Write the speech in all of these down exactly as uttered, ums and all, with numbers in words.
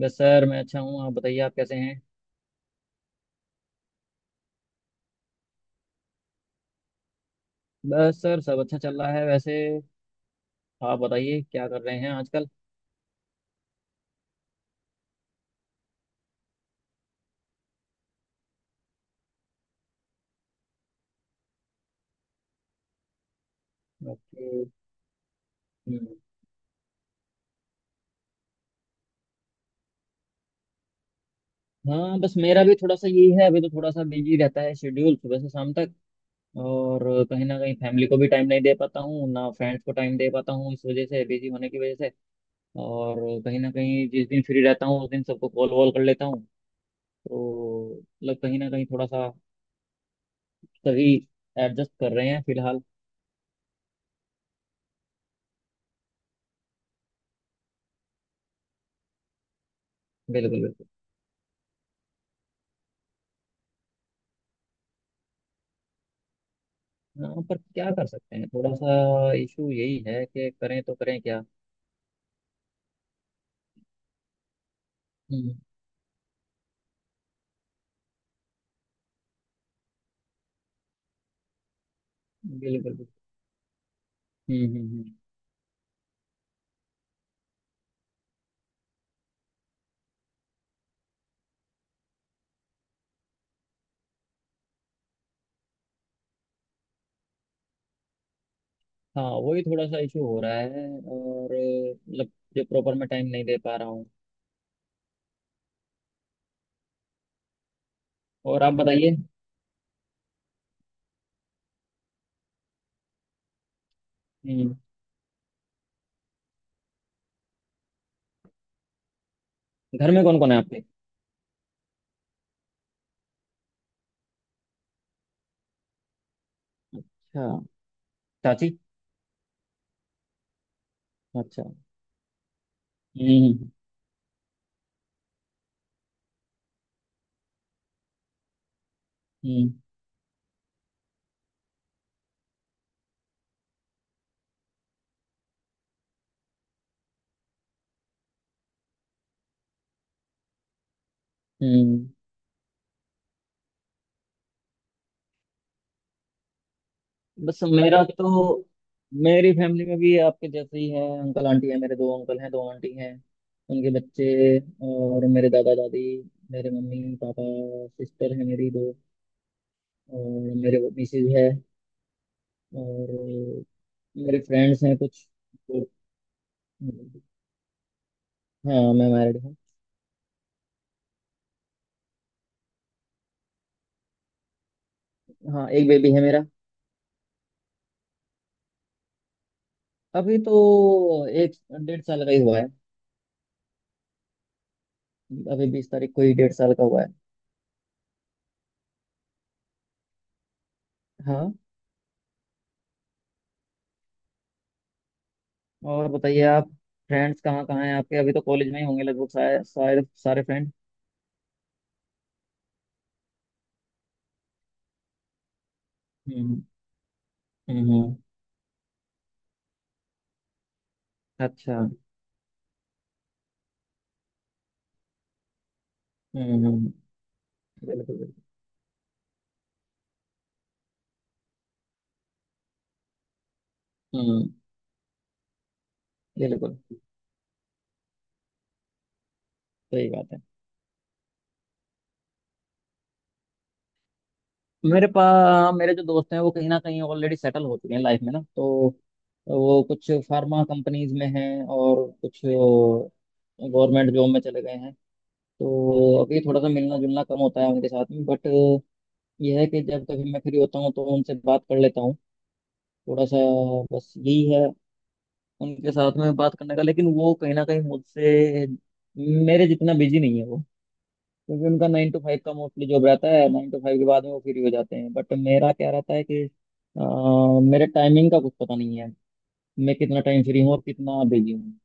बस सर मैं अच्छा हूँ। आप बताइए आप कैसे हैं। बस सर सब अच्छा चल रहा है वैसे। आप बताइए क्या कर रहे हैं आजकल। ओके। हम्म। हाँ बस मेरा भी थोड़ा सा यही है, अभी तो थोड़ा सा बिजी रहता है, शेड्यूल सुबह से शाम तक। और कहीं ना कहीं फैमिली को भी टाइम नहीं दे पाता हूँ, ना फ्रेंड्स को टाइम दे पाता हूँ, इस वजह से, बिजी होने की वजह से। और कहीं ना कहीं जिस दिन फ्री रहता हूँ उस दिन सबको कॉल वॉल कर लेता हूँ। तो मतलब कहीं ना कहीं थोड़ा सा सभी एडजस्ट कर रहे हैं फिलहाल। बिल्कुल बिल्कुल। हाँ पर क्या कर सकते हैं, थोड़ा सा इशू यही है कि करें तो करें क्या। हम्म। बिल्कुल बिल्कुल। हम्म हम्म हम्म। हाँ वही थोड़ा सा इशू हो रहा है और अ, मतलब जो प्रॉपर में टाइम नहीं दे पा रहा हूँ। और आप बताइए। हम्म। घर में कौन कौन है आपके। अच्छा। चाची। अच्छा। हम्म हम्म हम्म। बस मेरा तो, मेरी फैमिली में भी आपके जैसे ही है, अंकल आंटी है, मेरे दो अंकल हैं, दो आंटी हैं, उनके बच्चे, और मेरे दादा दादी, मेरे मम्मी पापा, सिस्टर है मेरी दो, और मेरे मिसेज है, और मेरे फ्रेंड्स हैं कुछ। तो, हाँ मैं मैरिड हूँ। हाँ एक बेबी है मेरा। अभी तो एक डेढ़ साल का ही हुआ है। अभी बीस तारीख को ही डेढ़ साल का हुआ है। हाँ। और बताइए आप। फ्रेंड्स कहाँ कहाँ हैं आपके, अभी तो कॉलेज में ही होंगे लगभग सारे सारे सारे फ्रेंड। हम्म हम्म। अच्छा। हम्म हम्म, बिल्कुल बिल्कुल। हम्म। बिल्कुल। सही बात है। मेरे पास मेरे जो दोस्त हैं वो कहीं ना कहीं ऑलरेडी सेटल हो चुके हैं लाइफ में ना, तो वो कुछ फार्मा कंपनीज में हैं और कुछ गवर्नमेंट जॉब में चले गए हैं। तो अभी थोड़ा सा मिलना जुलना कम होता है उनके साथ में, बट यह है कि जब कभी मैं फ्री होता हूँ तो उनसे बात कर लेता हूँ थोड़ा सा। बस यही है उनके साथ में बात करने का, लेकिन वो कहीं ना कहीं मुझसे मेरे जितना बिजी नहीं है वो। क्योंकि उनका नाइन टू फाइव का मोस्टली जॉब रहता है, नाइन टू फाइव के बाद में वो फ्री हो जाते हैं। बट मेरा क्या रहता है कि अ, मेरे टाइमिंग का कुछ पता नहीं है। मैं कितना टाइम फ्री हूँ और कितना बिजी हूँ।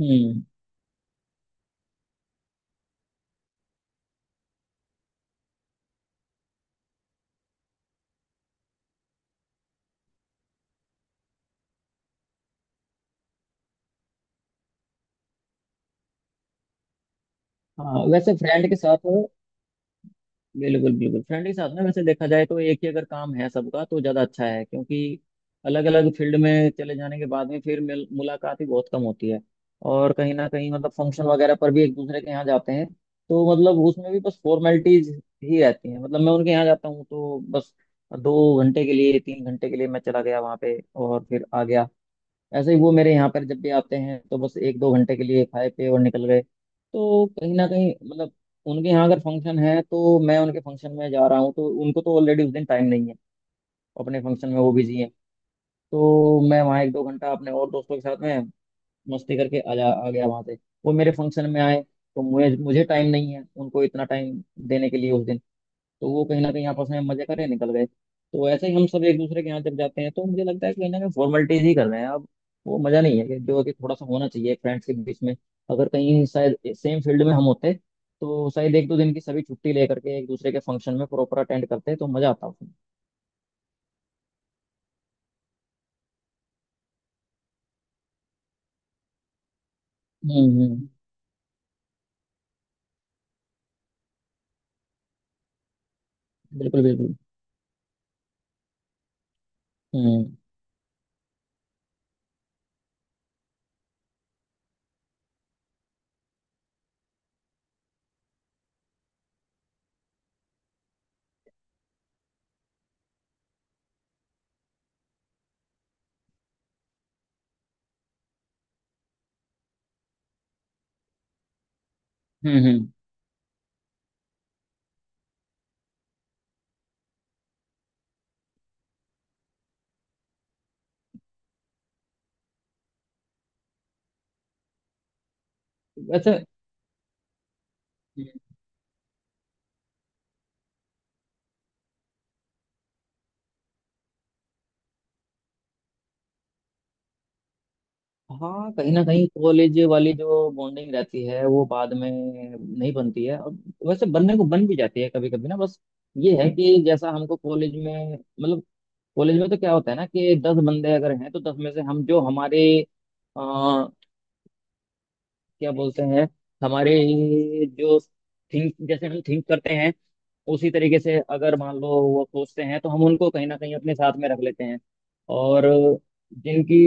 हम्म। हाँ वैसे फ्रेंड के साथ, बिल्कुल बिल्कुल। फ्रेंड के साथ में वैसे देखा जाए तो एक ही अगर काम है सबका तो ज़्यादा अच्छा है, क्योंकि अलग अलग फील्ड में चले जाने के बाद में फिर मिल मुलाकात ही बहुत कम होती है। और कहीं ना कहीं मतलब फंक्शन वगैरह पर भी एक दूसरे के यहाँ जाते हैं, तो मतलब उसमें भी बस फॉर्मेलिटीज ही रहती हैं। मतलब मैं उनके यहाँ जाता हूँ तो बस दो घंटे के लिए, तीन घंटे के लिए मैं चला गया वहाँ पे और फिर आ गया। ऐसे ही वो मेरे यहाँ पर जब भी आते हैं तो बस एक दो घंटे के लिए खाए पिए और निकल गए। तो कहीं ना कहीं मतलब उनके यहाँ अगर फंक्शन है तो मैं उनके फंक्शन में जा रहा हूँ, तो उनको तो ऑलरेडी उस दिन टाइम नहीं है, अपने फंक्शन में वो बिजी हैं। तो मैं वहाँ एक दो घंटा अपने और दोस्तों के साथ में मस्ती करके आ जा आ गया वहाँ से। वो मेरे फंक्शन में आए तो मुझे मुझे टाइम नहीं है उनको इतना टाइम देने के लिए उस दिन। तो वो कहीं ना कहीं आपस में मजे करे निकल गए। तो ऐसे ही हम सब एक दूसरे के यहाँ जब जाते हैं तो मुझे लगता है कि कहीं ना कहीं फॉर्मेलिटीज ही कर रहे हैं अब। वो मजा नहीं है कि जो कि थोड़ा सा होना चाहिए फ्रेंड्स के बीच में। अगर कहीं शायद सेम फील्ड में हम होते तो शायद एक दो दिन की सभी छुट्टी लेकर के एक दूसरे के फंक्शन में प्रॉपर अटेंड करते तो मजा आता उसमें। हम्म हम्म बिल्कुल बिल्कुल। हम्म हम्म हम्म। वैसे हाँ, कहीं ना कहीं कॉलेज वाली जो बॉन्डिंग रहती है वो बाद में नहीं बनती है। और वैसे बनने को बन भी जाती है कभी कभी ना, बस ये है कि जैसा हमको कॉलेज में मतलब, कॉलेज में तो क्या होता है ना कि दस बंदे अगर हैं तो दस में से हम जो हमारे क्या बोलते हैं, हमारे जो थिंक, जैसे हम थिंक करते हैं उसी तरीके से अगर मान लो वो सोचते हैं तो हम उनको कहीं ना कहीं अपने साथ में रख लेते हैं। और जिनकी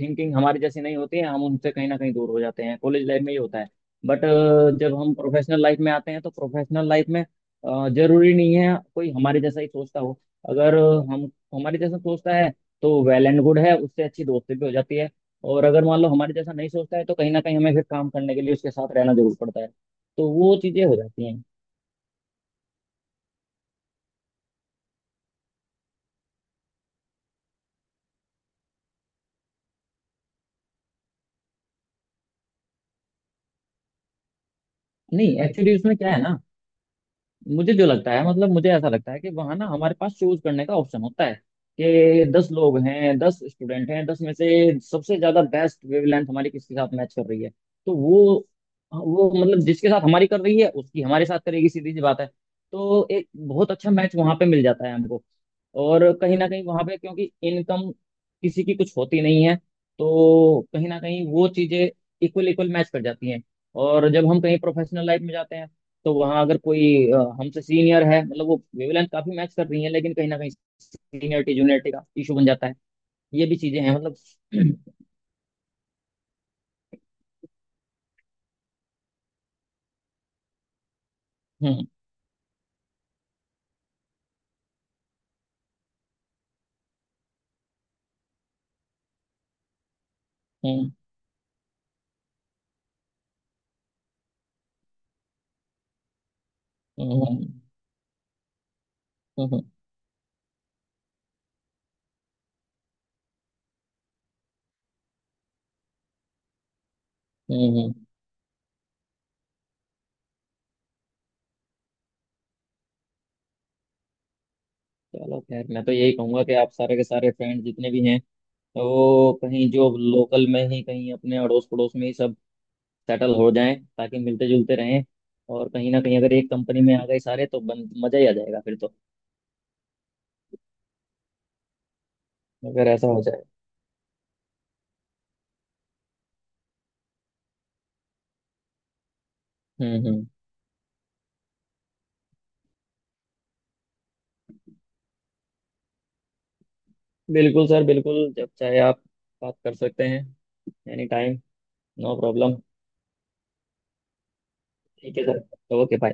थिंकिंग हमारी जैसी नहीं होती है हम उनसे कहीं ना कहीं दूर हो जाते हैं। कॉलेज लाइफ में ये होता है। बट जब हम प्रोफेशनल लाइफ में आते हैं तो प्रोफेशनल लाइफ में अ, जरूरी नहीं है कोई हमारे जैसा ही सोचता हो। अगर हम हमारे जैसा सोचता है तो वेल एंड गुड है, उससे अच्छी दोस्ती भी हो जाती है। और अगर मान लो हमारे जैसा नहीं सोचता है तो कहीं ना कहीं हमें फिर काम करने के लिए उसके साथ रहना जरूर पड़ता है, तो वो चीजें हो जाती हैं। नहीं एक्चुअली उसमें क्या है ना, मुझे जो लगता है मतलब मुझे ऐसा लगता है कि वहां ना हमारे पास चूज करने का ऑप्शन होता है कि दस लोग हैं, दस स्टूडेंट हैं, दस में से सबसे ज्यादा बेस्ट वेवलेंथ हमारी किसके साथ मैच कर रही है, तो वो वो मतलब जिसके साथ हमारी कर रही है उसकी हमारे साथ करेगी, सीधी सी बात है। तो एक बहुत अच्छा मैच वहां पे मिल जाता है हमको। और कहीं ना कहीं वहां पे क्योंकि इनकम किसी की कुछ होती नहीं है तो कहीं ना कहीं वो चीजें इक्वल इक्वल मैच कर जाती हैं। और जब हम कहीं प्रोफेशनल लाइफ में जाते हैं तो वहां अगर कोई अ, हमसे सीनियर है मतलब वो वेवलेंथ काफी मैच कर रही है लेकिन कहीं ना कहीं सीनियरिटी जूनियरिटी का इशू बन जाता है। ये भी चीजें हैं मतलब। हम्म हम्म हम्म हम्म हम्म, हम्म। हम्म, हम्म। चलो खैर, मैं तो यही कहूंगा कि आप सारे के सारे फ्रेंड जितने भी हैं वो कहीं जो लोकल में ही कहीं अपने अड़ोस पड़ोस में ही सब सेटल हो जाएं ताकि मिलते जुलते रहें। और कहीं ना कहीं अगर एक कंपनी में आ गए सारे तो बन, मजा ही आ जाएगा फिर तो। अगर ऐसा हो जाए। हम्म हम्म। बिल्कुल सर बिल्कुल, जब चाहे आप बात कर सकते हैं। Any time. No problem. ठीक है सर, ओके।